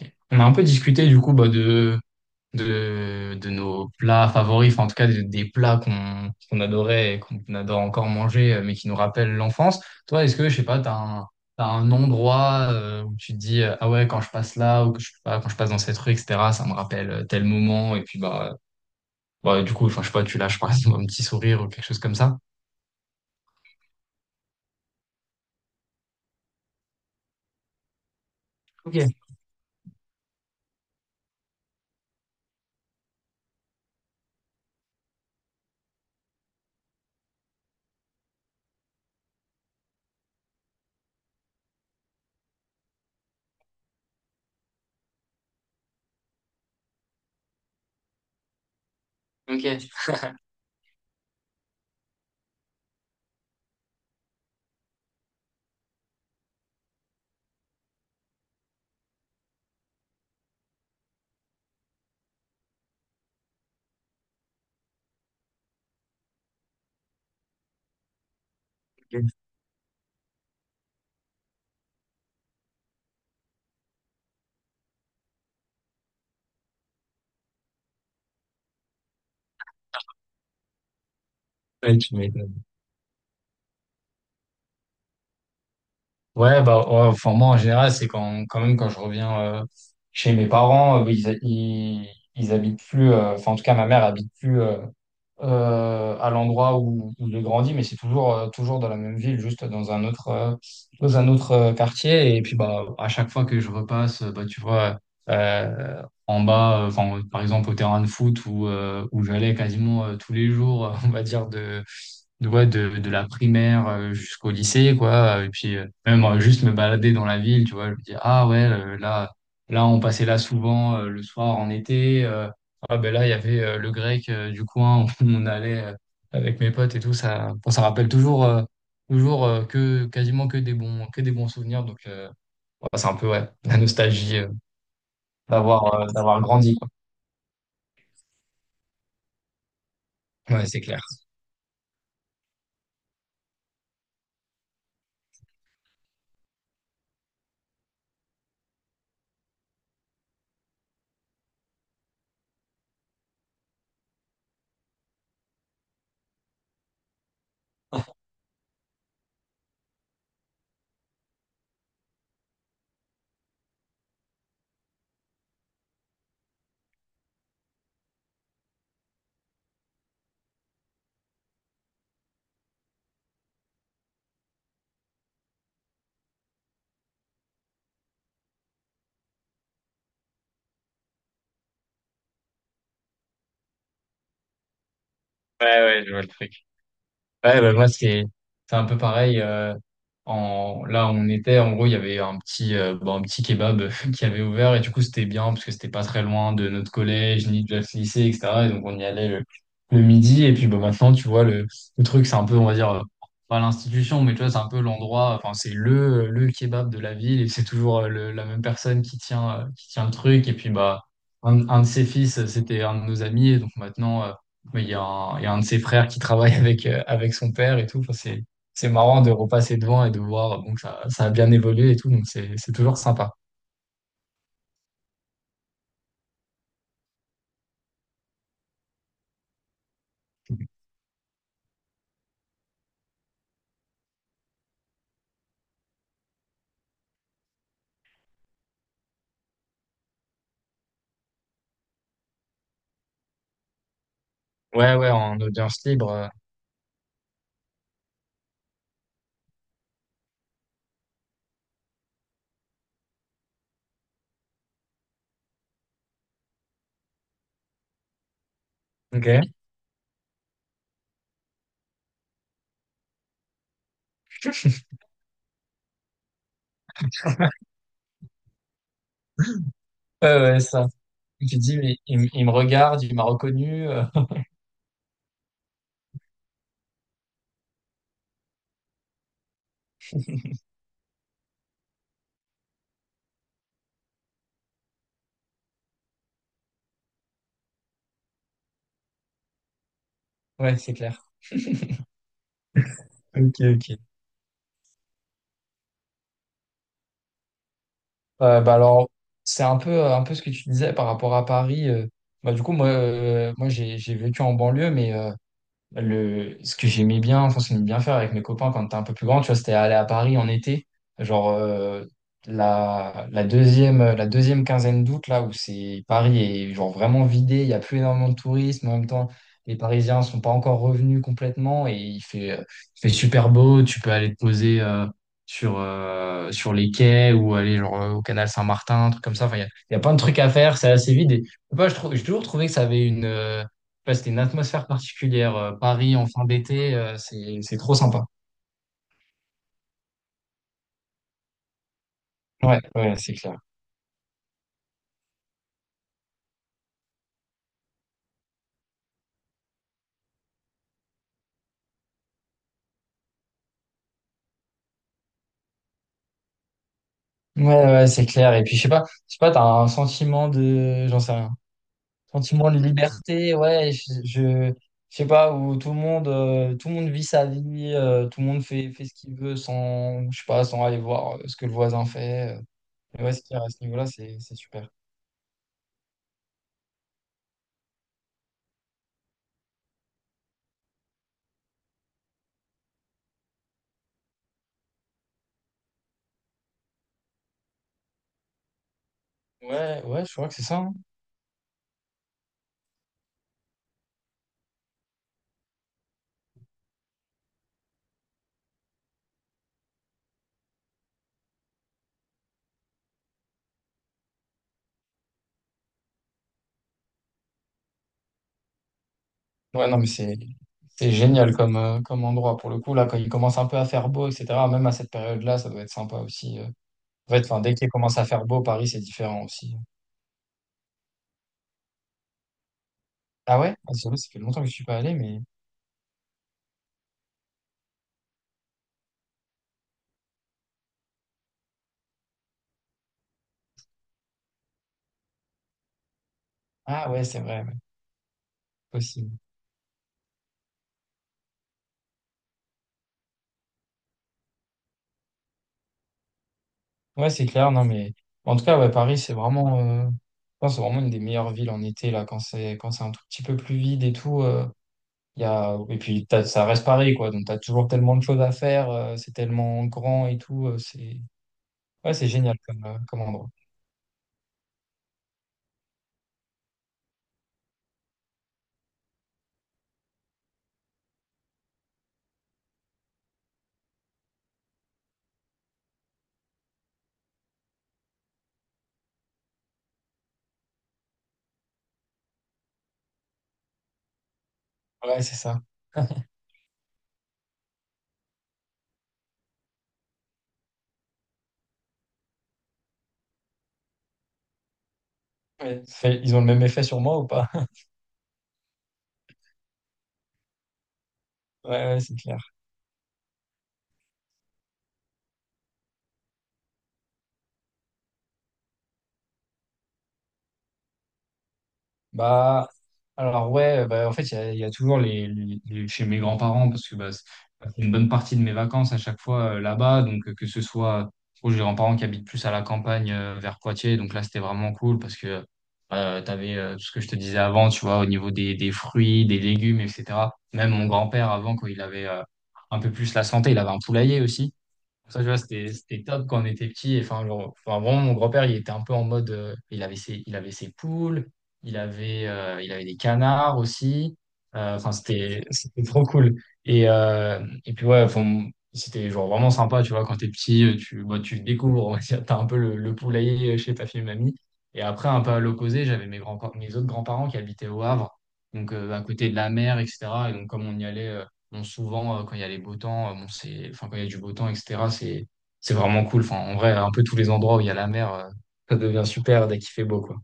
Ok. On a un peu discuté du coup bah, de nos plats favoris, enfin en tout cas des plats qu'on adorait et qu'on adore encore manger, mais qui nous rappellent l'enfance. Toi, est-ce que, je sais pas, t'as un endroit où tu te dis, ah ouais, quand je passe là, ou que je, sais pas, quand je passe dans cette rue, etc., ça me rappelle tel moment, et puis bah, du coup, enfin, je sais pas, tu lâches par exemple un petit sourire ou quelque chose comme ça. Ok, ok. Ouais, tu m'étonnes. Ouais, bah, ouais, enfin, moi, en général, c'est quand même quand je reviens chez mes parents, bah, ils habitent plus, enfin, en tout cas, ma mère habite plus à l'endroit où j'ai grandi, mais c'est toujours dans la même ville, juste dans un autre quartier. Et puis, bah, à chaque fois que je repasse, bah, tu vois, euh, en bas, enfin, par exemple, au terrain de foot où j'allais quasiment tous les jours, on va dire, de la primaire jusqu'au lycée, quoi. Et puis, même juste me balader dans la ville, tu vois, je me dis, ah ouais, là, on passait là souvent le soir en été. Ah ben là, il y avait le grec du coin où on allait avec mes potes et tout. Ça, enfin, ça rappelle toujours, que quasiment que des bons souvenirs. Donc, ouais, c'est un peu, ouais, la nostalgie d'avoir grandi, quoi. Ouais, c'est clair. Ouais, ouais, je vois le truc. Ouais, bah, moi, c'est un peu pareil. Là, on était, en gros, il y avait un petit kebab qui avait ouvert. Et du coup, c'était bien parce que c'était pas très loin de notre collège, ni de notre lycée, etc. Et donc, on y allait le midi. Et puis, bah, maintenant, tu vois, le truc, c'est un peu, on va dire, pas l'institution, mais tu vois, c'est un peu l'endroit, enfin, c'est le kebab de la ville. Et c'est toujours la même personne qui tient le truc. Et puis, bah, un de ses fils, c'était un de nos amis. Et donc, maintenant, mais il y a un de ses frères qui travaille avec son père et tout. Enfin, c'est marrant de repasser devant et de voir bon, que ça a bien évolué et tout. Donc, c'est toujours sympa. Ouais, ouais, en audience libre. Ok. Ouais, ouais, ça. Tu te dis, mais il me regarde, il m'a reconnu. Ouais, c'est clair. Ok, ok. Bah alors, c'est un peu ce que tu disais par rapport à Paris. Bah, du coup, moi j'ai vécu en banlieue, mais. Ce que j'aimais bien, faire avec mes copains quand t'es un peu plus grand, tu vois, c'était aller à Paris en été, genre la deuxième quinzaine d'août, là où c'est Paris est genre vraiment vidé, il n'y a plus énormément de touristes, mais en même temps, les Parisiens sont pas encore revenus complètement et il fait super beau, tu peux aller te poser sur les quais ou aller genre au canal Saint-Martin, un truc comme ça, enfin, il y a plein de trucs à faire, c'est assez vide et je sais pas, je trouve, j'ai toujours trouvé que ça avait une. Ouais, c'était une atmosphère particulière. Paris en fin d'été, c'est trop sympa. Ouais, ouais, c'est clair. Ouais, ouais, c'est clair. Et puis je sais pas, t'as un sentiment de, j'en sais rien, sentiment de liberté. Ouais, je sais pas où tout le monde vit sa vie, tout le monde fait ce qu'il veut sans, je sais pas, sans aller voir ce que le voisin fait. Et ouais, c'est clair à ce niveau-là, c'est super. Ouais, ouais, je crois que c'est ça, hein. Ouais, non, mais c'est génial comme endroit pour le coup. Là, quand il commence un peu à faire beau, etc., même à cette période-là, ça doit être sympa aussi. En fait, enfin, dès qu'il commence à faire beau, Paris, c'est différent aussi. Ah ouais? Ah, c'est vrai, ça fait longtemps que je suis pas allé, mais. Ah ouais, c'est vrai, ouais, possible. Ouais, c'est clair, non, mais. En tout cas, ouais, Paris, c'est vraiment. Je pense que c'est vraiment une des meilleures villes en été, là, quand c'est un tout petit peu plus vide et tout. Il y a. Et puis, ça reste Paris, quoi. Donc, t'as toujours tellement de choses à faire, c'est tellement grand et tout. C'est. Ouais, c'est génial comme endroit. Ouais, c'est ça. Ouais, ils ont le même effet sur moi ou pas? Ouais, ouais, c'est clair. Bah, alors ouais, bah, en fait, il y a toujours chez mes grands-parents parce que bah, c'est une bonne partie de mes vacances à chaque fois là-bas. Donc, que ce soit, bon, j'ai des grands-parents qui habitent plus à la campagne vers Poitiers. Donc là, c'était vraiment cool parce que tu avais tout ce que je te disais avant, tu vois, au niveau des fruits, des légumes, etc. Même mon grand-père, avant, quand il avait un peu plus la santé, il avait un poulailler aussi. Ça, tu vois, c'était top quand on était petit. Enfin, genre, enfin, vraiment, mon grand-père, il était un peu en mode. Il avait ses poules, il avait des canards aussi. Enfin, c'était trop cool. Et, euh, et puis, ouais, enfin, c'était genre vraiment sympa, tu vois, quand t'es petit, bah, tu découvres, on va dire, t'as un peu le poulailler chez ta fille et mamie. Et après, un peu à l'opposé, j'avais mes autres grands-parents qui habitaient au Havre, donc à côté de la mer, etc. Et donc, comme on y allait. Bon, souvent, quand il y a les beaux temps, bon, c'est, enfin, quand il y a du beau temps, etc., c'est vraiment cool. Enfin, en vrai, un peu tous les endroits où il y a la mer, ça devient super dès qu'il fait beau, quoi.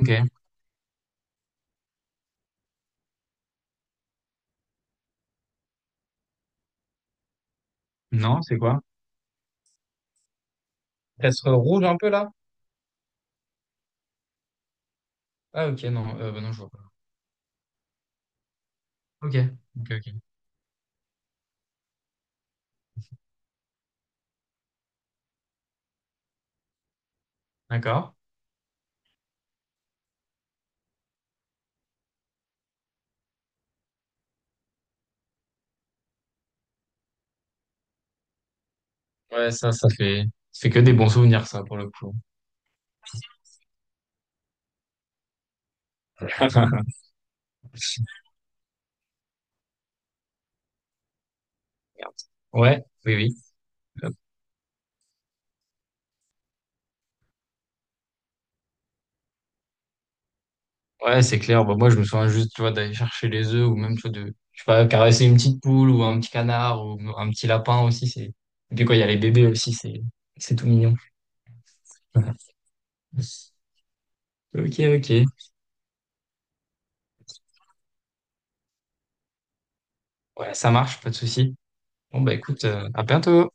Ok. Non, c'est quoi? Être rouge un peu là? Ah, ok, non, bah non, je vois pas. Ok, ok, ok. D'accord. Ouais, ça fait que des bons souvenirs, ça, pour le coup. Merde. Ouais, oui, oui. Ouais, c'est clair. Bah, moi, je me souviens juste, tu vois, d'aller chercher les œufs ou même, tu vois, je sais pas, caresser une petite poule ou un petit canard ou un petit lapin aussi. Et puis quoi, il y a les bébés aussi, c'est tout mignon. Ok, ok. Ouais, ça marche, pas de souci. Bon, bah, écoute, à bientôt.